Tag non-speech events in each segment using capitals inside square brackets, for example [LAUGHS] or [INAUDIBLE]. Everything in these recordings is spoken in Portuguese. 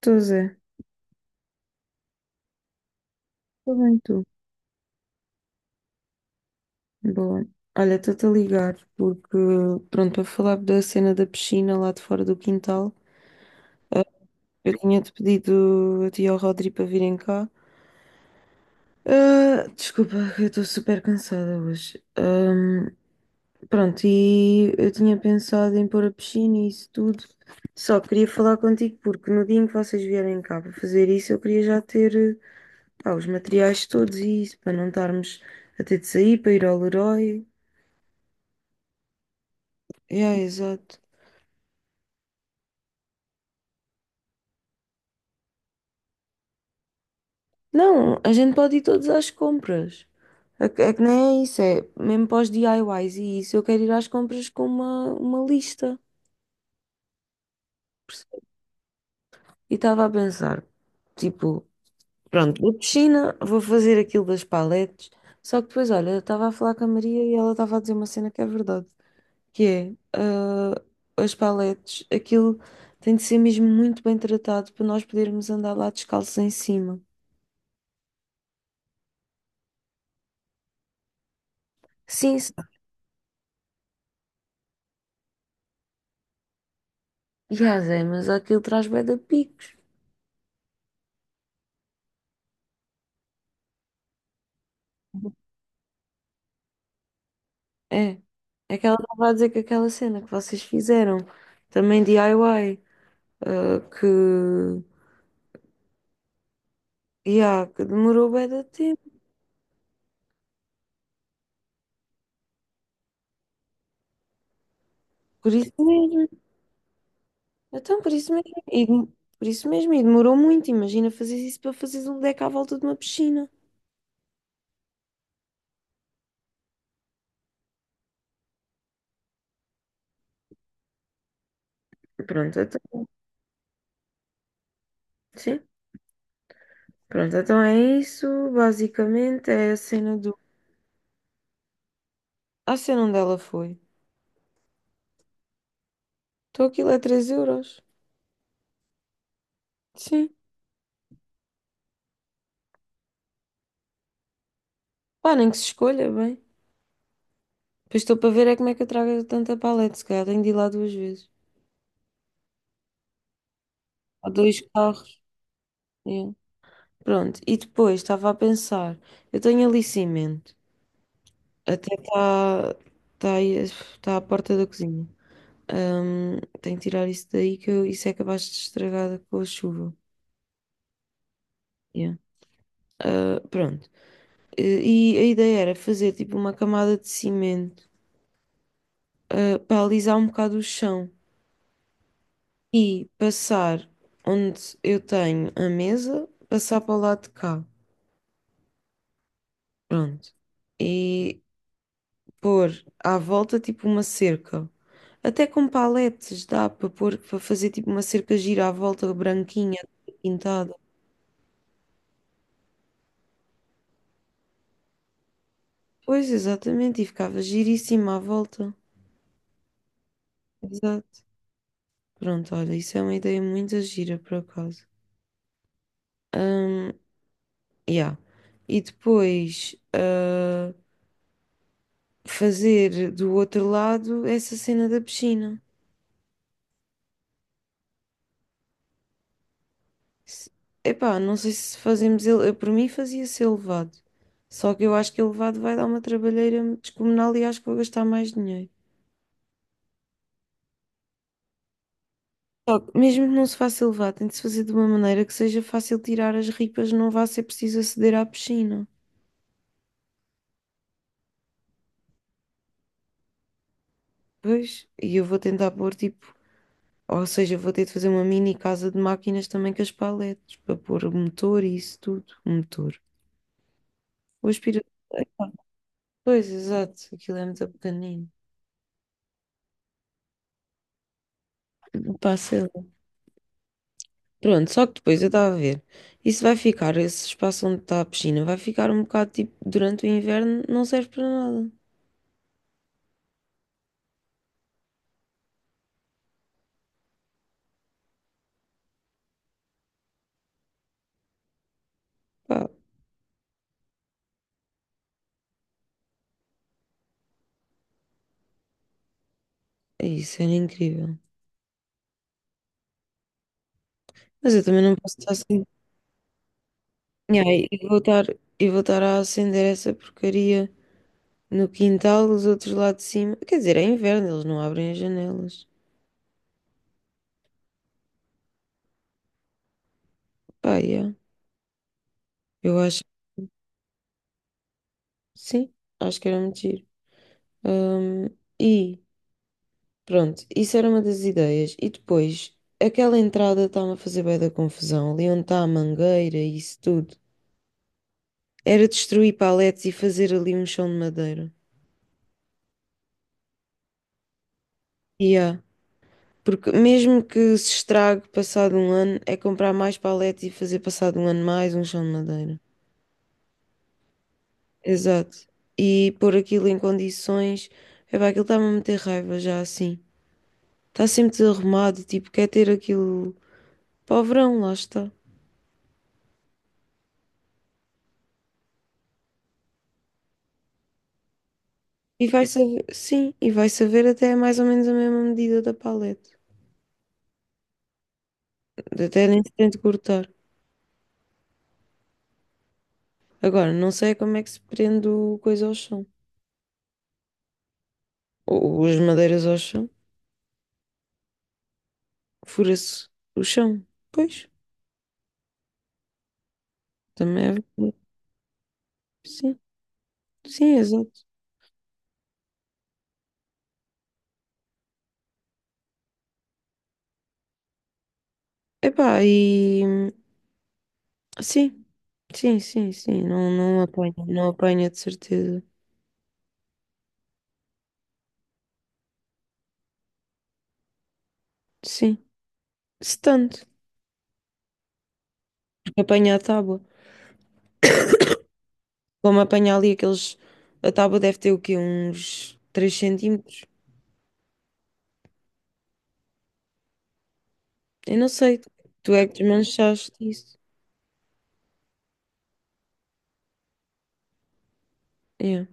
Estou, Zé. Estou bem, tu. Boa. Olha, estou-te a ligar porque, pronto, para falar da cena da piscina lá de fora do quintal, eu tinha-te pedido a ti e ao Rodri para virem cá. Ah, desculpa, eu estou super cansada hoje. Pronto, e eu tinha pensado em pôr a piscina e isso tudo. Só queria falar contigo porque no dia em que vocês vierem cá para fazer isso, eu queria já ter, pá, os materiais todos e isso, para não estarmos a ter de sair para ir ao Leroy. É, exato. Não, a gente pode ir todos às compras. É que nem é isso, é mesmo para os DIYs e isso. Eu quero ir às compras com uma lista. E estava a pensar, tipo, pronto, vou de China, vou fazer aquilo das paletes. Só que depois, olha, eu estava a falar com a Maria e ela estava a dizer uma cena que é verdade, que é, ah, as paletes, aquilo tem de ser mesmo muito bem tratado para nós podermos andar lá descalços em cima. Sim, sim. E há, Zé, mas aquilo traz bué de picos. É, é que ela estava a dizer que aquela cena que vocês fizeram, também DIY, ah, que, yeah, que demorou bem de tempo, por isso mesmo, então por isso mesmo, e, por isso mesmo, e demorou muito, imagina fazer isso para fazeres um deck à volta de uma piscina. Pronto, então, sim, pronto, então é isso, basicamente é a cena do, a cena onde ela foi, então aquilo é 3 euros, sim, pá, nem que se escolha, bem, depois estou para ver é como é que eu trago tanta paleta, se calhar tenho de ir lá duas vezes. Ou dois carros. Yeah. Pronto. E depois estava a pensar, eu tenho ali cimento. Até está tá, tá aí- tá à porta da cozinha. Tenho que tirar isso daí. Isso é capaz de estragar com a chuva. Yeah. Ah, pronto. E, e a ideia era fazer tipo uma camada de cimento, ah, para alisar um bocado o chão e passar onde eu tenho a mesa, passar para o lado de cá. Pronto. E pôr à volta tipo uma cerca. Até com paletes dá para pôr, para fazer tipo uma cerca gira à volta, branquinha, pintada. Pois, exatamente, e ficava giríssima à volta. Exato. Pronto, olha, isso é uma ideia muito gira, por acaso. Hum, yeah. E depois, ah, fazer do outro lado essa cena da piscina. Se- Epá, não sei se fazemos ele. Eu, por mim fazia-se elevado. Só que eu acho que elevado vai dar uma trabalheira descomunal e acho que vou gastar mais dinheiro. Só que mesmo que não se faça elevado, tem de se fazer de uma maneira que seja fácil tirar as ripas, não vá ser preciso aceder à piscina. Pois, e eu vou tentar pôr tipo. Ou seja, vou ter de fazer uma mini casa de máquinas também com as paletes, para pôr o motor e isso tudo. O motor. O aspirador. Epá, pois, exato, aquilo é muito pequenino. Passa Pronto, só que depois eu estava a ver. Isso vai ficar, esse espaço onde está a piscina, vai ficar um bocado tipo, durante o inverno, não serve para nada. Pá, é isso, era incrível. Mas eu também não posso estar sem. Ya, e vou estar a acender essa porcaria no quintal, os outros lá de cima. Quer dizer, é inverno, eles não abrem as janelas. Pá, yeah. Eu acho, sim, acho que era muito giro. Hum, e pronto, isso era uma das ideias. E depois, aquela entrada estava a fazer bem da confusão. Ali onde está a mangueira e isso tudo. Era destruir paletes e fazer ali um chão de madeira. E porque mesmo que se estrague passado um ano, é comprar mais paletes e fazer passado um ano mais um chão de madeira. Exato. E pôr aquilo em condições. Epá, aquilo está-me a meter raiva já assim. Está sempre desarrumado, tipo, quer ter aquilo para o verão, lá está. E vai saber, sim, e vai saber até mais ou menos a mesma medida da paleta. Até nem se tente cortar. Agora, não sei como é que se prende o coisa ao chão. Ou as madeiras ao chão. Fura-se o chão. Pois, também é verdade. Sim, sim, exato. Epá, e sim, sim, sim, sim. Não, não apanha, não apanha de certeza. Sim, se tanto. Porque apanha a tábua. Como apanha ali aqueles. A tábua deve ter o quê? Uns 3 centímetros. Eu não sei, tu é que desmanchaste isso. É.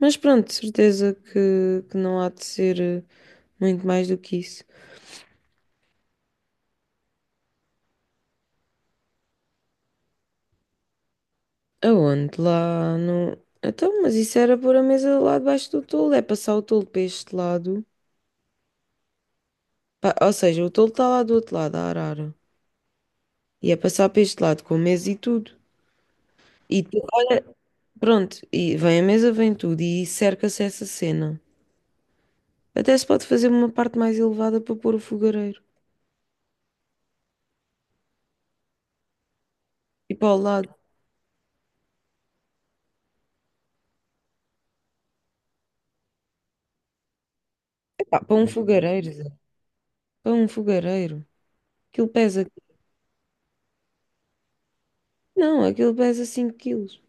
Mas pronto, de certeza que não há de ser muito mais do que isso. Aonde? Lá no. Então, mas isso era pôr a mesa lá debaixo do tolo, é passar o tolo para este lado. Ou seja, o tolo está lá do outro lado, a arara. E é passar para este lado com a mesa e tudo. E tu, olha, pronto, e vem a mesa, vem tudo e cerca-se essa cena. Até se pode fazer uma parte mais elevada para pôr o fogareiro. E para o lado. Epá, para um fogareiro. Para um fogareiro. Aquilo pesa. Não, aquilo pesa 5 quilos.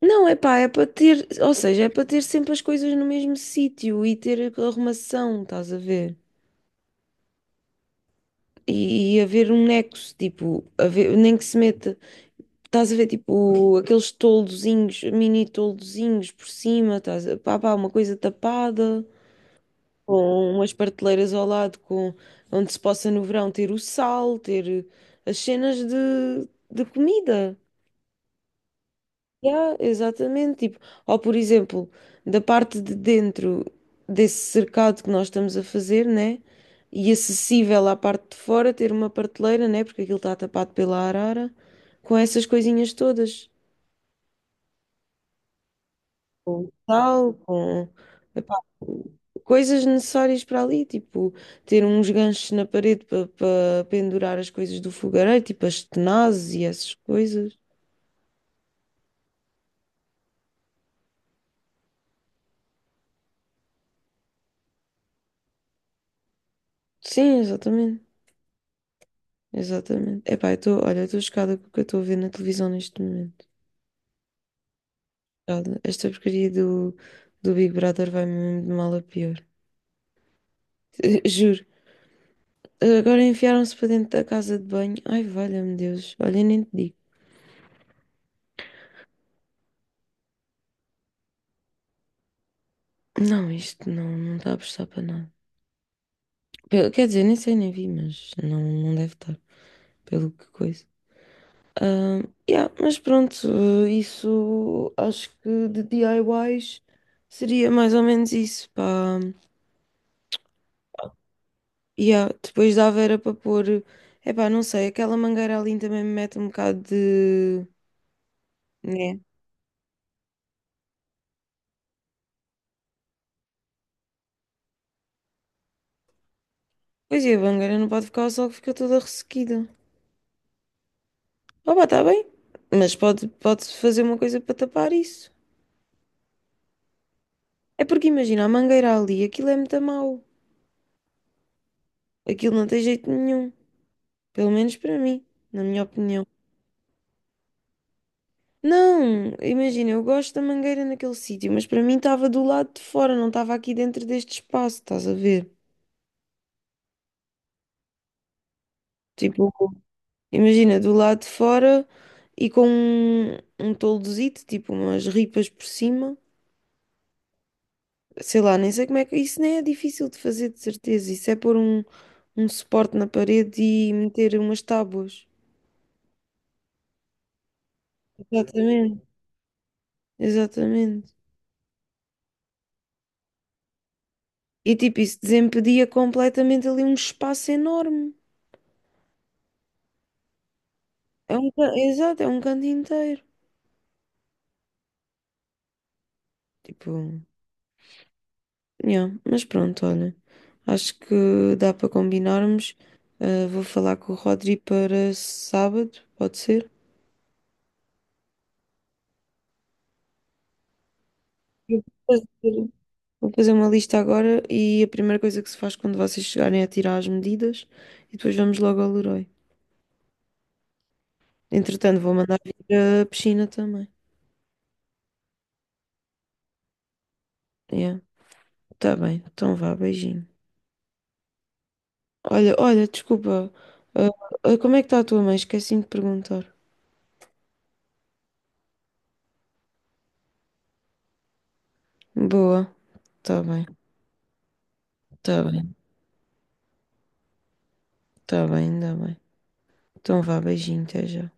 Não, é pá, é para ter. Ou seja, é para ter sempre as coisas no mesmo sítio e ter arrumação, estás a ver? E haver um nexo, tipo, nem que se meta. Estás a ver, tipo, aqueles toldozinhos, mini toldozinhos por cima, pá, pá, uma coisa tapada, com umas prateleiras ao lado, onde se possa no verão ter o sal, ter as cenas de comida. Yeah, exatamente. Tipo, ou por exemplo, da parte de dentro desse cercado que nós estamos a fazer, né? E acessível à parte de fora, ter uma prateleira, né? Porque aquilo está tapado pela arara, com essas coisinhas todas, com sal, com epá, coisas necessárias para ali, tipo, ter uns ganchos na parede para pendurar as coisas do fogareiro, tipo as tenazes e essas coisas. Sim, exatamente. Exatamente. Epá, eu estou, olha, eu estou chocada com o que eu estou a ver na televisão neste momento. Chocada. Esta porcaria do Big Brother vai mesmo de mal a pior. [LAUGHS] Juro. Agora enfiaram-se para dentro da casa de banho. Ai, valha-me Deus. Olha, nem te digo. Não, isto não está a prestar para nada. Quer dizer, nem sei, nem vi, mas não deve estar, pelo que coisa. Ah, yeah, mas pronto, isso acho que de DIYs seria mais ou menos isso, pá. E ah, depois dava era para pôr, epá, não sei, aquela mangueira ali também me mete um bocado de. Né? Pois é, a mangueira não pode ficar ao sol que fica toda ressequida. Ah, pá, está bem, mas pode fazer uma coisa para tapar isso. É porque imagina, a mangueira ali, aquilo é muito mau. Aquilo não tem jeito nenhum. Pelo menos para mim, na minha opinião. Não, imagina, eu gosto da mangueira naquele sítio, mas para mim estava do lado de fora, não estava aqui dentro deste espaço, estás a ver? Tipo. Imagina, do lado de fora e com um toldozito, tipo umas ripas por cima. Sei lá, nem sei como é que. Isso nem é difícil de fazer, de certeza. Isso é pôr um suporte na parede e meter umas tábuas. Exatamente. Exatamente. E tipo, isso desempedia completamente ali um espaço enorme. É um, exato, é um canto inteiro. Tipo. Yeah, mas pronto, olha, acho que dá para combinarmos. Ah, vou falar com o Rodri para sábado, pode ser? Eu vou fazer uma lista agora e a primeira coisa que se faz quando vocês chegarem é tirar as medidas e depois vamos logo ao Leroy. Entretanto, vou mandar vir a piscina também. Yeah, tá bem, então vá, beijinho. Olha, olha, desculpa, ah, como é que está a tua mãe? Esqueci-me de perguntar. Boa, tá bem, tá bem, tá bem, ainda bem. Então vá, beijinho, até já.